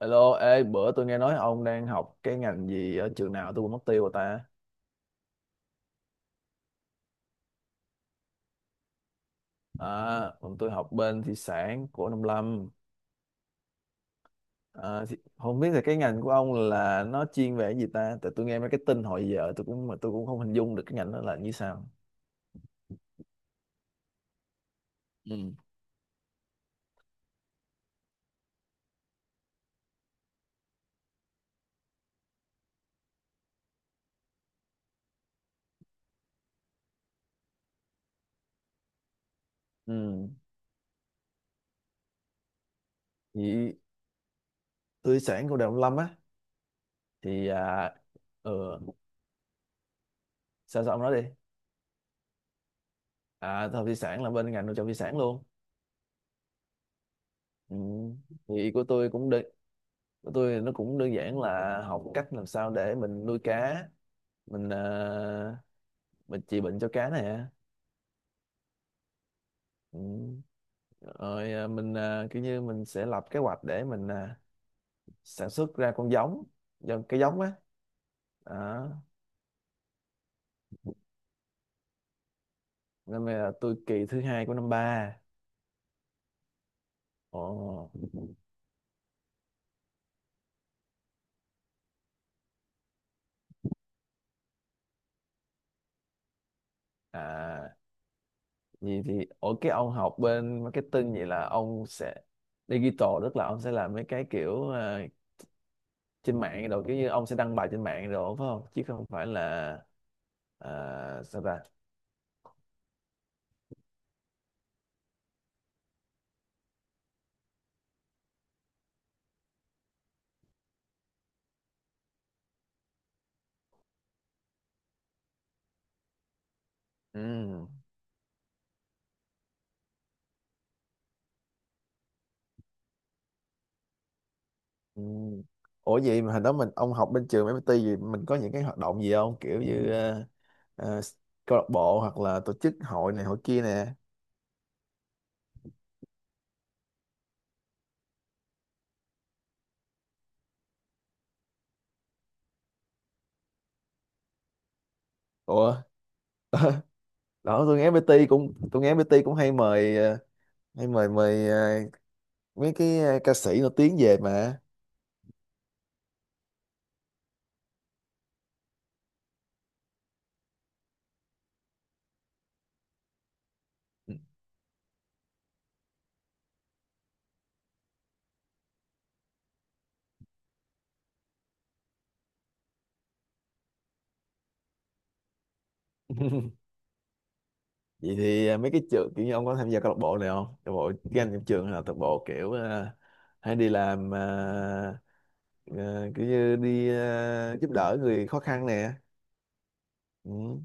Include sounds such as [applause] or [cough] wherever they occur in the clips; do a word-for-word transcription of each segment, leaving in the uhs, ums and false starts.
Hello, ê, bữa tôi nghe nói ông đang học cái ngành gì ở trường nào tôi quên mất tiêu rồi ta. À, còn tôi học bên thủy sản của Nông Lâm. À, thì không biết là cái ngành của ông là nó chuyên về cái gì ta? Tại tôi nghe mấy cái tin hồi giờ tôi cũng mà tôi cũng không hình dung được cái ngành đó là như sao. Ừ. Ừ, thì tôi sản của Nông Lâm á, thì à, ừ, sao sao ông nói đi. À, tôi học thị sản là bên ngành nuôi trồng thủy sản luôn. Ừ, thì của tôi cũng đơn, của tôi nó cũng đơn giản là học cách làm sao để mình nuôi cá, mình ờ, mình trị bệnh cho cá nè. Ừ. Rồi ờ, mình ờ, kiểu như mình sẽ lập kế hoạch để mình ờ, sản xuất ra con giống, do cái giống á đó. Năm nay là tôi kỳ thứ hai của năm ba. Ồ. À, gì thì ở cái ông học bên marketing, vậy là ông sẽ digital, tức là ông sẽ làm mấy cái kiểu ờ, trên mạng, rồi kiểu như ông sẽ đăng bài trên mạng rồi, phải không? Chứ không phải là à, sao ta? Ừ. Ừ. Ủa vậy mà hồi đó mình ông học bên trường em i tê gì, mình có những cái hoạt động gì không, kiểu như ờ, ờ, câu lạc bộ hoặc là tổ chức hội này hội kia nè? Ủa. Đó, tôi nghe em i tê cũng tôi nghe em i tê cũng hay mời ờ, hay mời mời ờ, mấy cái ờ, ca sĩ nổi tiếng về mà. [laughs] Vậy thì ờ, mấy cái trường, kiểu như ông có tham gia câu lạc bộ này không, câu lạc bộ game trong trường, hay là câu lạc bộ kiểu ờ, hay đi làm ờ, ờ, kiểu như đi ờ, giúp đỡ người khó khăn nè? Ừ.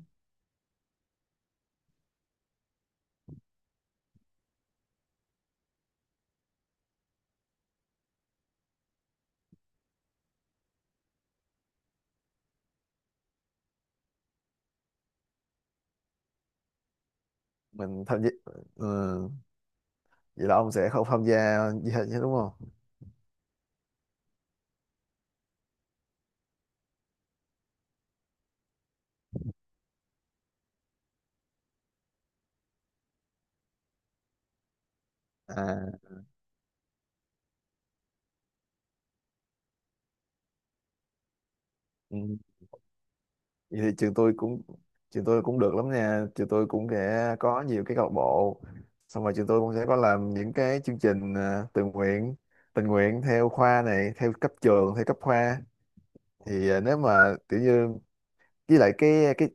Mình tham gia. Ừ, vậy là ông sẽ không tham gia gì hết chứ đúng không? À. Ừ. Vậy thì trường tôi cũng trường tôi cũng được lắm nha, trường tôi cũng sẽ có nhiều cái câu lạc bộ. Xong rồi trường tôi cũng sẽ có làm những cái chương trình à, tình nguyện, tình nguyện theo khoa này, theo cấp trường, theo cấp khoa. Thì à, nếu mà kiểu như, với lại cái cái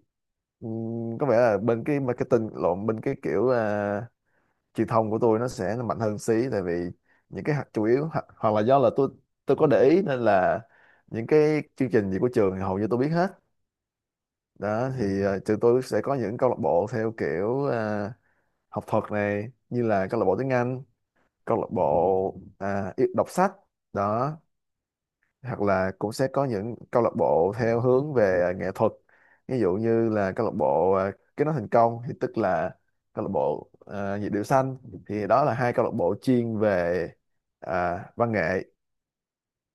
ừm, có vẻ là bên cái marketing, lộn, bên cái kiểu à, truyền thông của tôi nó sẽ mạnh hơn xí. Tại vì những cái hạt- chủ yếu ho- hoặc là do là tôi tôi có để ý nên là những cái chương trình gì của trường thì hầu như tôi biết hết. Đó. Ừ. Thì ờ, trường tôi sẽ có những câu lạc bộ theo kiểu à, học thuật này, như là câu lạc bộ tiếng Anh, câu lạc bộ à, yêu- đọc sách. Đó. Hoặc là cũng sẽ có những câu lạc bộ theo hướng về à, nghệ thuật, ví dụ như là câu lạc bộ à, Kết nối thành công, thì tức là câu lạc bộ à, nhịp điệu xanh. Thì đó là hai câu lạc bộ chuyên về à, văn nghệ.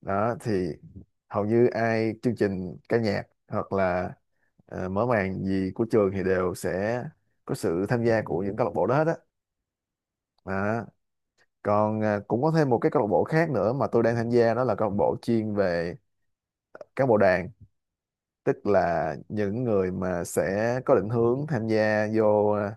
Đó thì hầu như ai chương trình ca nhạc hoặc là à, mở màn gì của trường thì đều sẽ có sự tham gia của những câu lạc bộ đó hết á. Đó, còn à, cũng có thêm một cái câu lạc bộ khác nữa mà tôi đang tham gia, đó là câu lạc bộ chuyên về cán bộ đoàn, tức là những người mà sẽ có định hướng tham gia vô à,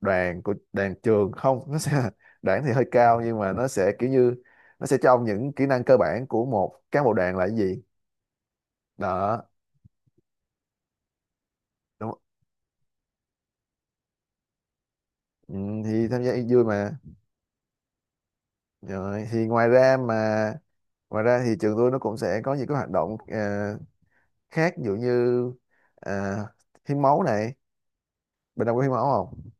đoàn của đoàn trường không, nó sẽ [laughs] đoàn thì hơi cao nhưng mà nó sẽ kiểu như nó sẽ cho ông những kỹ năng cơ bản của một cán bộ đoàn là cái gì đó, đúng không? Ừ, thì tham gia vui mà. Rồi thì ngoài ra mà ngoài ra thì trường tôi nó cũng sẽ có những cái hoạt động à, khác, ví dụ như à, hiến máu này, bên ông có hiến máu không?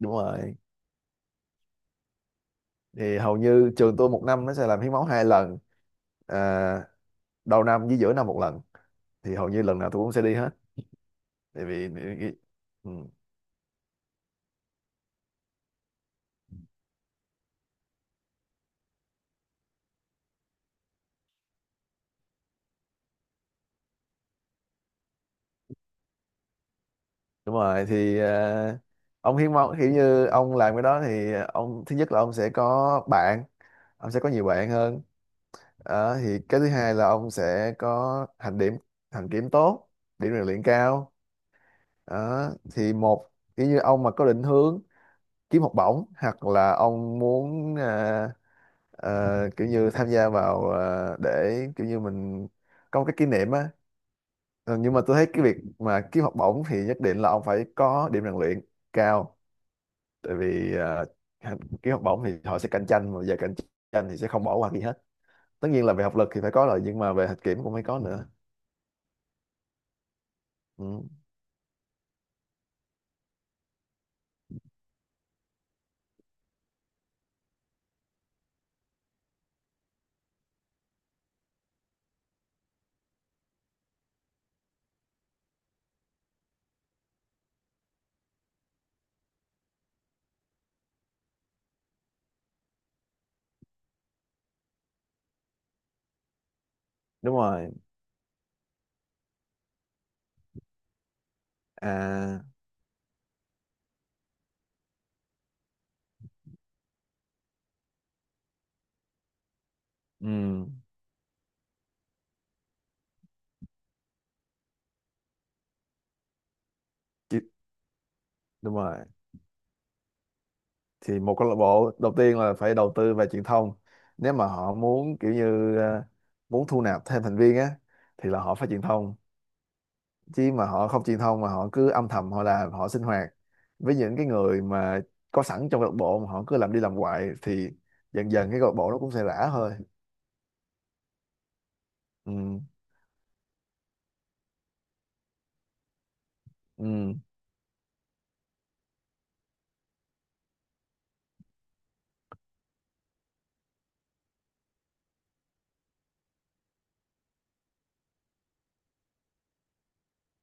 Đúng rồi, thì hầu như trường tôi một năm nó sẽ làm hiến máu hai lần, à, đầu năm với giữa năm một lần. Thì hầu như lần nào tôi cũng sẽ đi hết, tại vì ừ, đúng rồi. Thì ờ, ông hiến máu, kiểu như ông làm cái đó thì ông, thứ nhất là ông sẽ có bạn, ông sẽ có nhiều bạn hơn. Đó, thì cái thứ hai là ông sẽ có hành điểm, hành kiểm tốt, điểm rèn luyện cao. Đó, thì một, kiểu như ông mà có định hướng kiếm học bổng hoặc là ông muốn ờ, ờ, kiểu như tham gia vào, ờ, để kiểu như mình có một cái kỷ niệm á. Ờ, nhưng mà tôi thấy cái việc mà kiếm học bổng thì nhất định là ông phải có điểm rèn luyện cao. Tại vì uh, kiếm học bổng thì họ sẽ cạnh tranh, và giờ cạnh tranh thì sẽ không bỏ qua gì hết. Tất nhiên là về học lực thì phải có rồi, nhưng mà về hạnh kiểm cũng phải có nữa. Ừ. Đúng rồi. À. Ừ. Chị- Đúng rồi, thì một câu lạc bộ đầu tiên là phải đầu tư về truyền thông, nếu mà họ muốn kiểu như ờ, muốn thu nạp thêm thành viên á thì là họ phải truyền thông. Chứ mà họ không truyền thông mà họ cứ âm thầm họ làm, họ sinh hoạt với những cái người mà có sẵn trong câu lạc bộ, mà họ cứ làm đi làm hoài thì dần dần cái câu lạc bộ nó cũng sẽ rã thôi. Ừ. Ừ.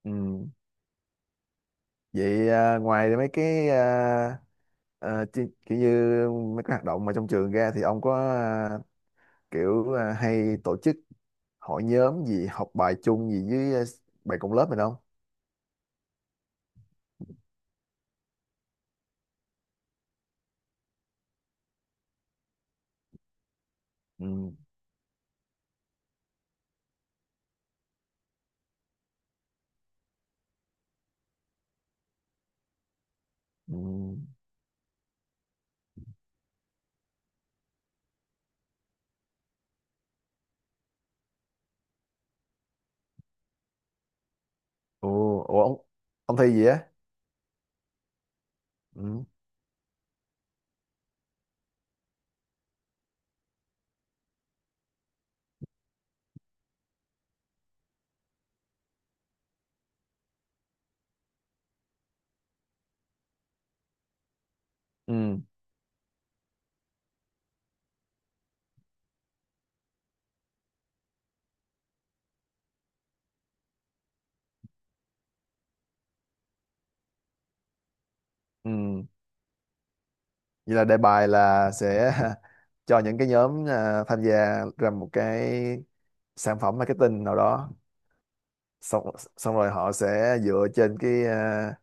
Ừ. Vậy à, ngoài mấy cái à, à, chi- kiểu như mấy cái hoạt động mà trong trường ra, thì ông có à, kiểu à, hay tổ chức hội nhóm gì, học bài chung gì với à, bạn cùng lớp mình không? Ừ. Ừ. Ồ. Ủa, ông ông thi gì á? Ừ. Ừ. Ừ. Vậy là đề bài là sẽ [laughs] cho những cái nhóm à, tham gia ra một cái sản phẩm marketing nào đó. Xong xong rồi họ sẽ dựa trên cái à,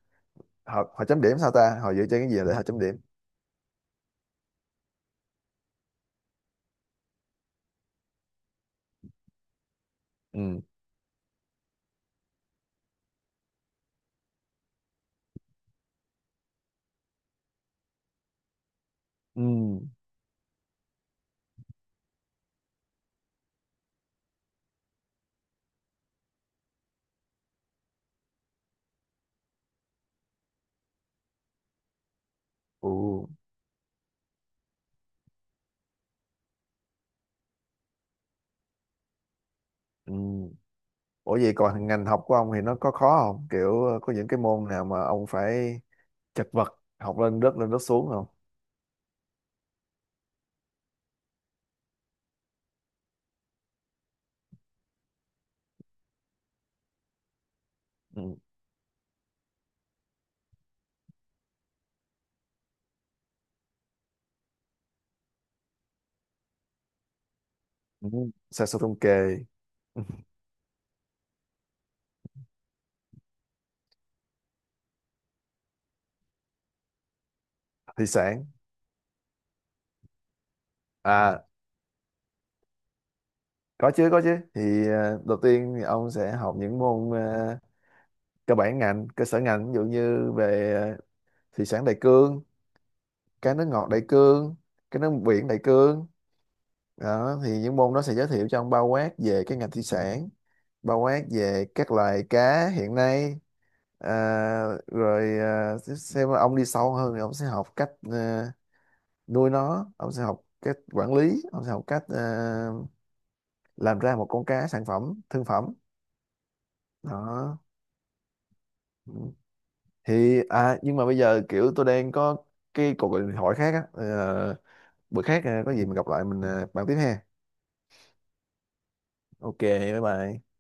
họ họ chấm điểm sao ta, họ dựa trên cái gì để họ chấm điểm? Ừ. Ừ. Ừ. Ừ. Ủa vậy còn ngành học của ông thì nó có khó không, kiểu ờ, có những cái môn nào mà ông phải chật vật, học lên rớt lên rớt xuống không? Ừ. Ừ. Sản xuất thống kê thủy sản. À, có chứ, có chứ, thì ờ, đầu tiên thì ông sẽ học những môn ờ, cơ bản ngành, cơ sở ngành, ví dụ như về ờ, thủy sản đại cương, cá nước ngọt đại cương, cá nước biển đại cương. Đó thì những môn đó sẽ giới thiệu cho ông bao quát về cái ngành thủy sản, bao quát về các loài cá hiện nay. À, rồi à, sẽ- xem là ông đi sâu hơn thì ông sẽ học cách à, nuôi nó, ông sẽ học cách quản lý, ông sẽ học cách à, làm ra một con cá sản phẩm thương phẩm. Đó thì à nhưng mà bây giờ kiểu tôi đang có cái cuộc gọi điện thoại khác á. Ờ, bữa khác à, có gì mình gặp lại, mình à, bàn tiếp ha. OK, bye bye.